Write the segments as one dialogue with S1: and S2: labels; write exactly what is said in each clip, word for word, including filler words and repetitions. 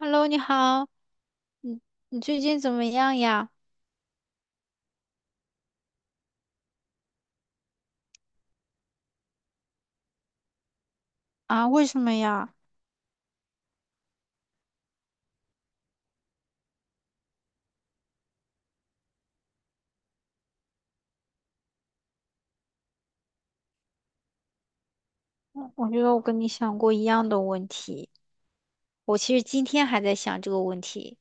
S1: Hello，你好，你你最近怎么样呀？啊，为什么呀？我觉得我跟你想过一样的问题，我其实今天还在想这个问题。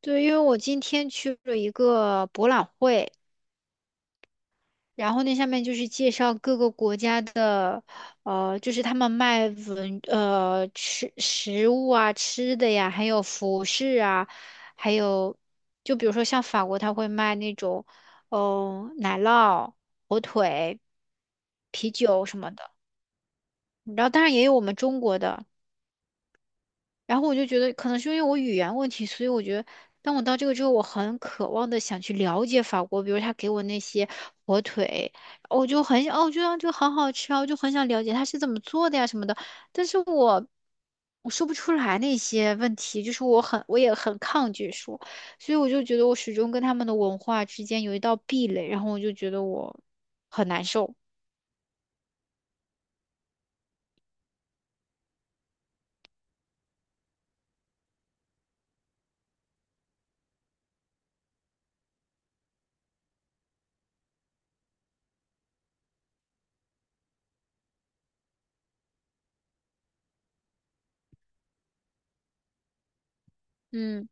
S1: 对，因为我今天去了一个博览会，然后那下面就是介绍各个国家的，呃，就是他们卖文呃吃食物啊、吃的呀，还有服饰啊，还有就比如说像法国，他会卖那种，嗯、奶酪、火腿、啤酒什么的。然后当然也有我们中国的，然后我就觉得，可能是因为我语言问题，所以我觉得，当我到这个之后，我很渴望的想去了解法国，比如他给我那些火腿，我就很想，哦，我觉得这个好好吃啊，我就很想了解它是怎么做的呀什么的，但是我我说不出来那些问题，就是我很我也很抗拒说，所以我就觉得我始终跟他们的文化之间有一道壁垒，然后我就觉得我很难受，嗯。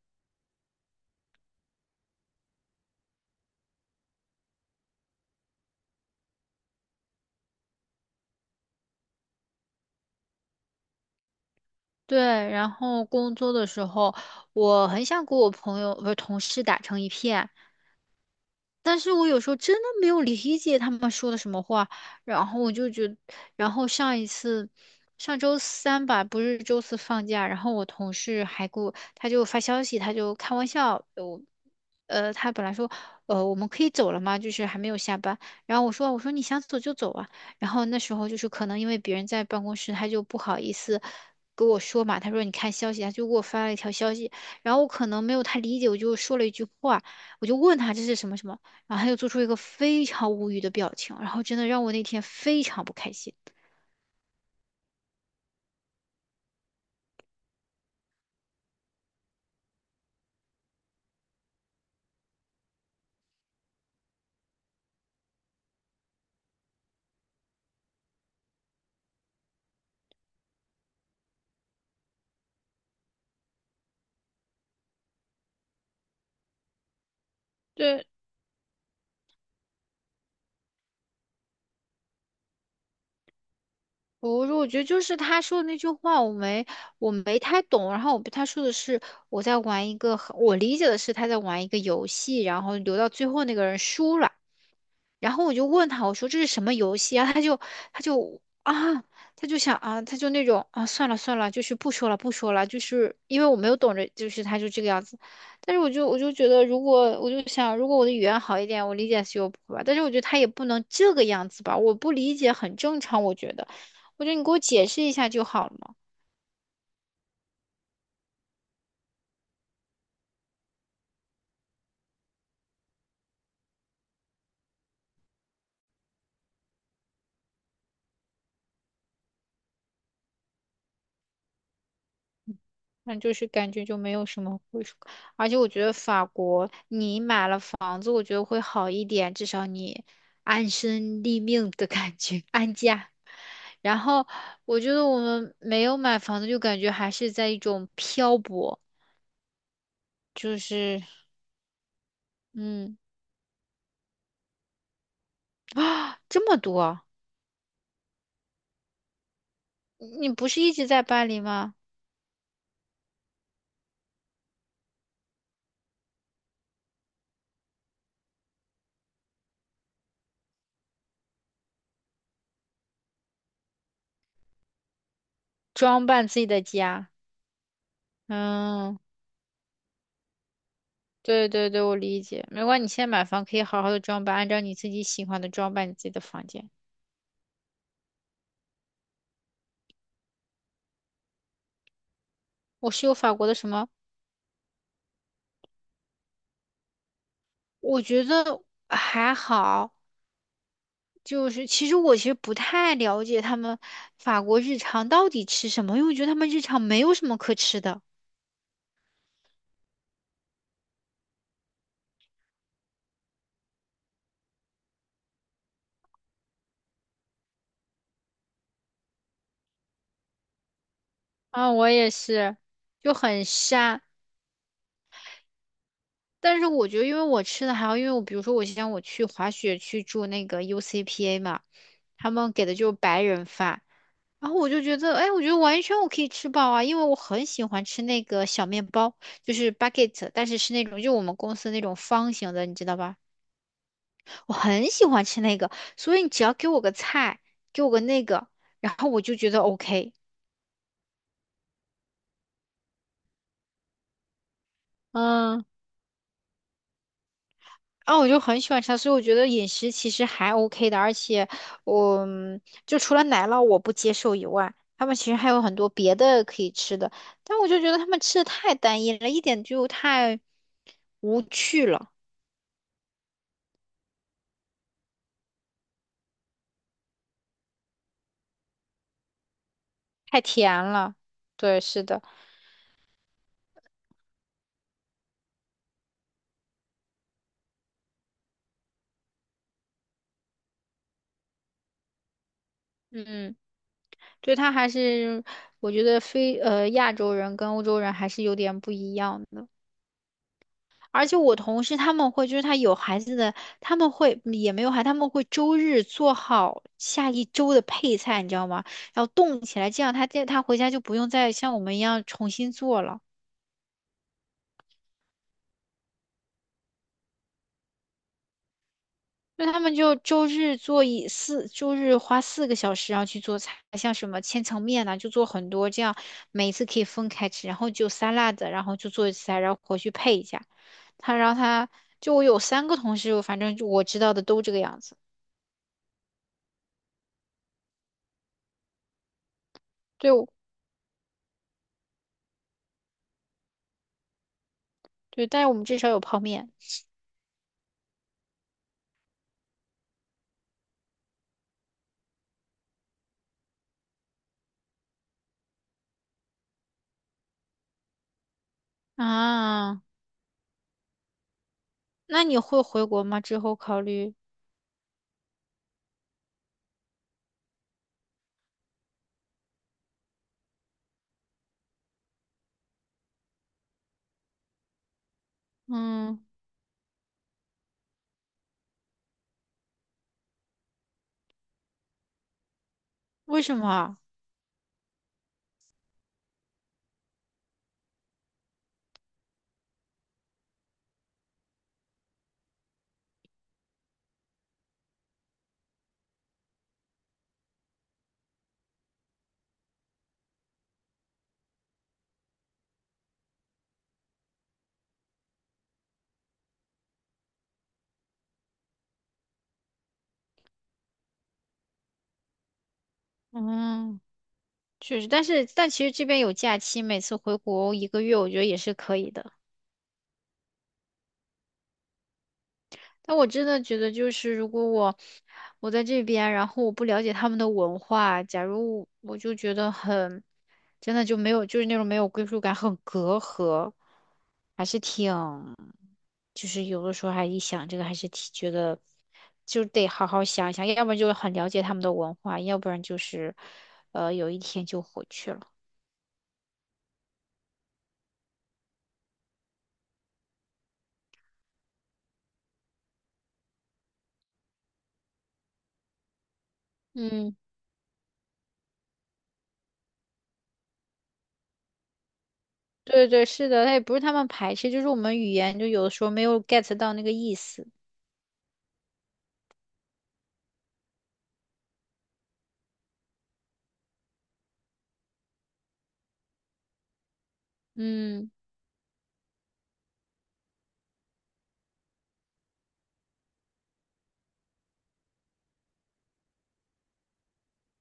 S1: 对，然后工作的时候，我很想跟我朋友不是同事打成一片，但是我有时候真的没有理解他们说的什么话，然后我就觉得然后上一次，上周三吧，不是周四放假，然后我同事还给我，他就发消息，他就开玩笑，我，呃，他本来说，呃，我们可以走了吗？就是还没有下班，然后我说，我说你想走就走啊，然后那时候就是可能因为别人在办公室，他就不好意思。跟我说嘛，他说你看消息，他就给我发了一条消息，然后我可能没有太理解，我就说了一句话，我就问他这是什么什么，然后他就做出一个非常无语的表情，然后真的让我那天非常不开心。对，我我觉得就是他说的那句话，我没我没太懂。然后我他说的是我在玩一个很我理解的是他在玩一个游戏，然后留到最后那个人输了。然后我就问他，我说这是什么游戏啊？他就他就啊，他就想啊，他就那种啊，算了算了，就是不说了不说了，就是因为我没有懂着，就是他就这个样子。但是我就我就觉得，如果我就想，如果我的语言好一点，我理解是有谱吧。但是我觉得他也不能这个样子吧，我不理解很正常，我觉得，我觉得你给我解释一下就好了嘛。那就是感觉就没有什么归属感，而且我觉得法国你买了房子，我觉得会好一点，至少你安身立命的感觉，安家。然后我觉得我们没有买房子，就感觉还是在一种漂泊，就是嗯啊 这么多，你不是一直在巴黎吗？装扮自己的家，嗯。对对对，我理解。没关系，你现在买房可以好好的装扮，按照你自己喜欢的装扮你自己的房间。我是有法国的什么？我觉得还好，就是其实我其实不太了解他们法国日常到底吃什么，因为我觉得他们日常没有什么可吃的啊，我也是。就很沙。但是我觉得，因为我吃的还好，因为我比如说我像我去滑雪去住那个 U C P A 嘛，他们给的就是白人饭，然后我就觉得，哎，我觉得完全我可以吃饱啊，因为我很喜欢吃那个小面包，就是 bucket，但是是那种就我们公司那种方形的，你知道吧？我很喜欢吃那个，所以你只要给我个菜，给我个那个，然后我就觉得 OK。嗯啊，我就很喜欢吃它所以我觉得饮食其实还 OK 的，而且我就除了奶酪我不接受以外，他们其实还有很多别的可以吃的，但我就觉得他们吃的太单一了，一点就太无趣了。太甜了，对，是的，嗯，嗯，对，他还是我觉得非呃亚洲人跟欧洲人还是有点不一样的，而且我同事他们会，就是他有孩子的，他们会也没有孩，他们会周日做好下一周的配菜，你知道吗？然后冻起来，这样他他回家就不用再像我们一样重新做了。那他们就周日做一四，周日花四个小时，然后去做菜，像什么千层面呐、就做很多，这样每一次可以分开吃，然后就沙拉的，然后就做一次菜，然后回去配一下。他，然后他就我有三个同事，反正就我知道的都这个样子。对，我对，但是我们至少有泡面啊。那你会回国吗？之后考虑？嗯，为什么啊嗯，确实，但是但其实这边有假期，每次回国一个月，我觉得也是可以的。但我真的觉得，就是如果我我在这边，然后我不了解他们的文化，假如我就觉得很，真的就没有，就是那种没有归属感，很隔阂，还是挺，就是有的时候还一想这个，还是挺觉得，就得好好想一想，要不然就是很了解他们的文化，要不然就是，呃，有一天就回去了。嗯，对对，是的，他也不是他们排斥，就是我们语言就有的时候没有 get 到那个意思。嗯。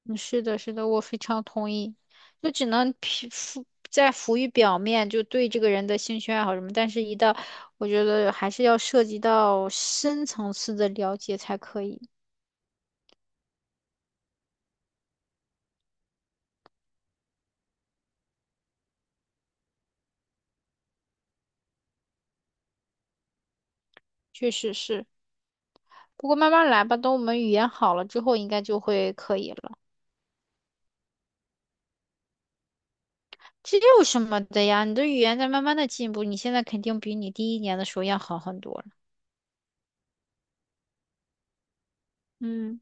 S1: 嗯，是的，是的，我非常同意。就只能皮浮在浮于表面，就对这个人的兴趣爱好什么，但是一到我觉得还是要涉及到深层次的了解才可以。确实是，不过慢慢来吧，等我们语言好了之后，应该就会可以了。这有什么的呀？你的语言在慢慢的进步，你现在肯定比你第一年的时候要好很多了。嗯。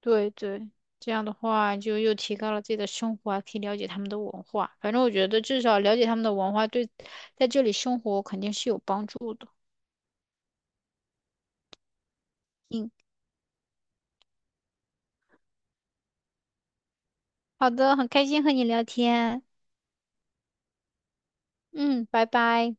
S1: 对对，这样的话就又提高了自己的生活啊，还可以了解他们的文化。反正我觉得至少了解他们的文化，对在这里生活肯定是有帮助的。嗯，好的，很开心和你聊天。嗯，拜拜。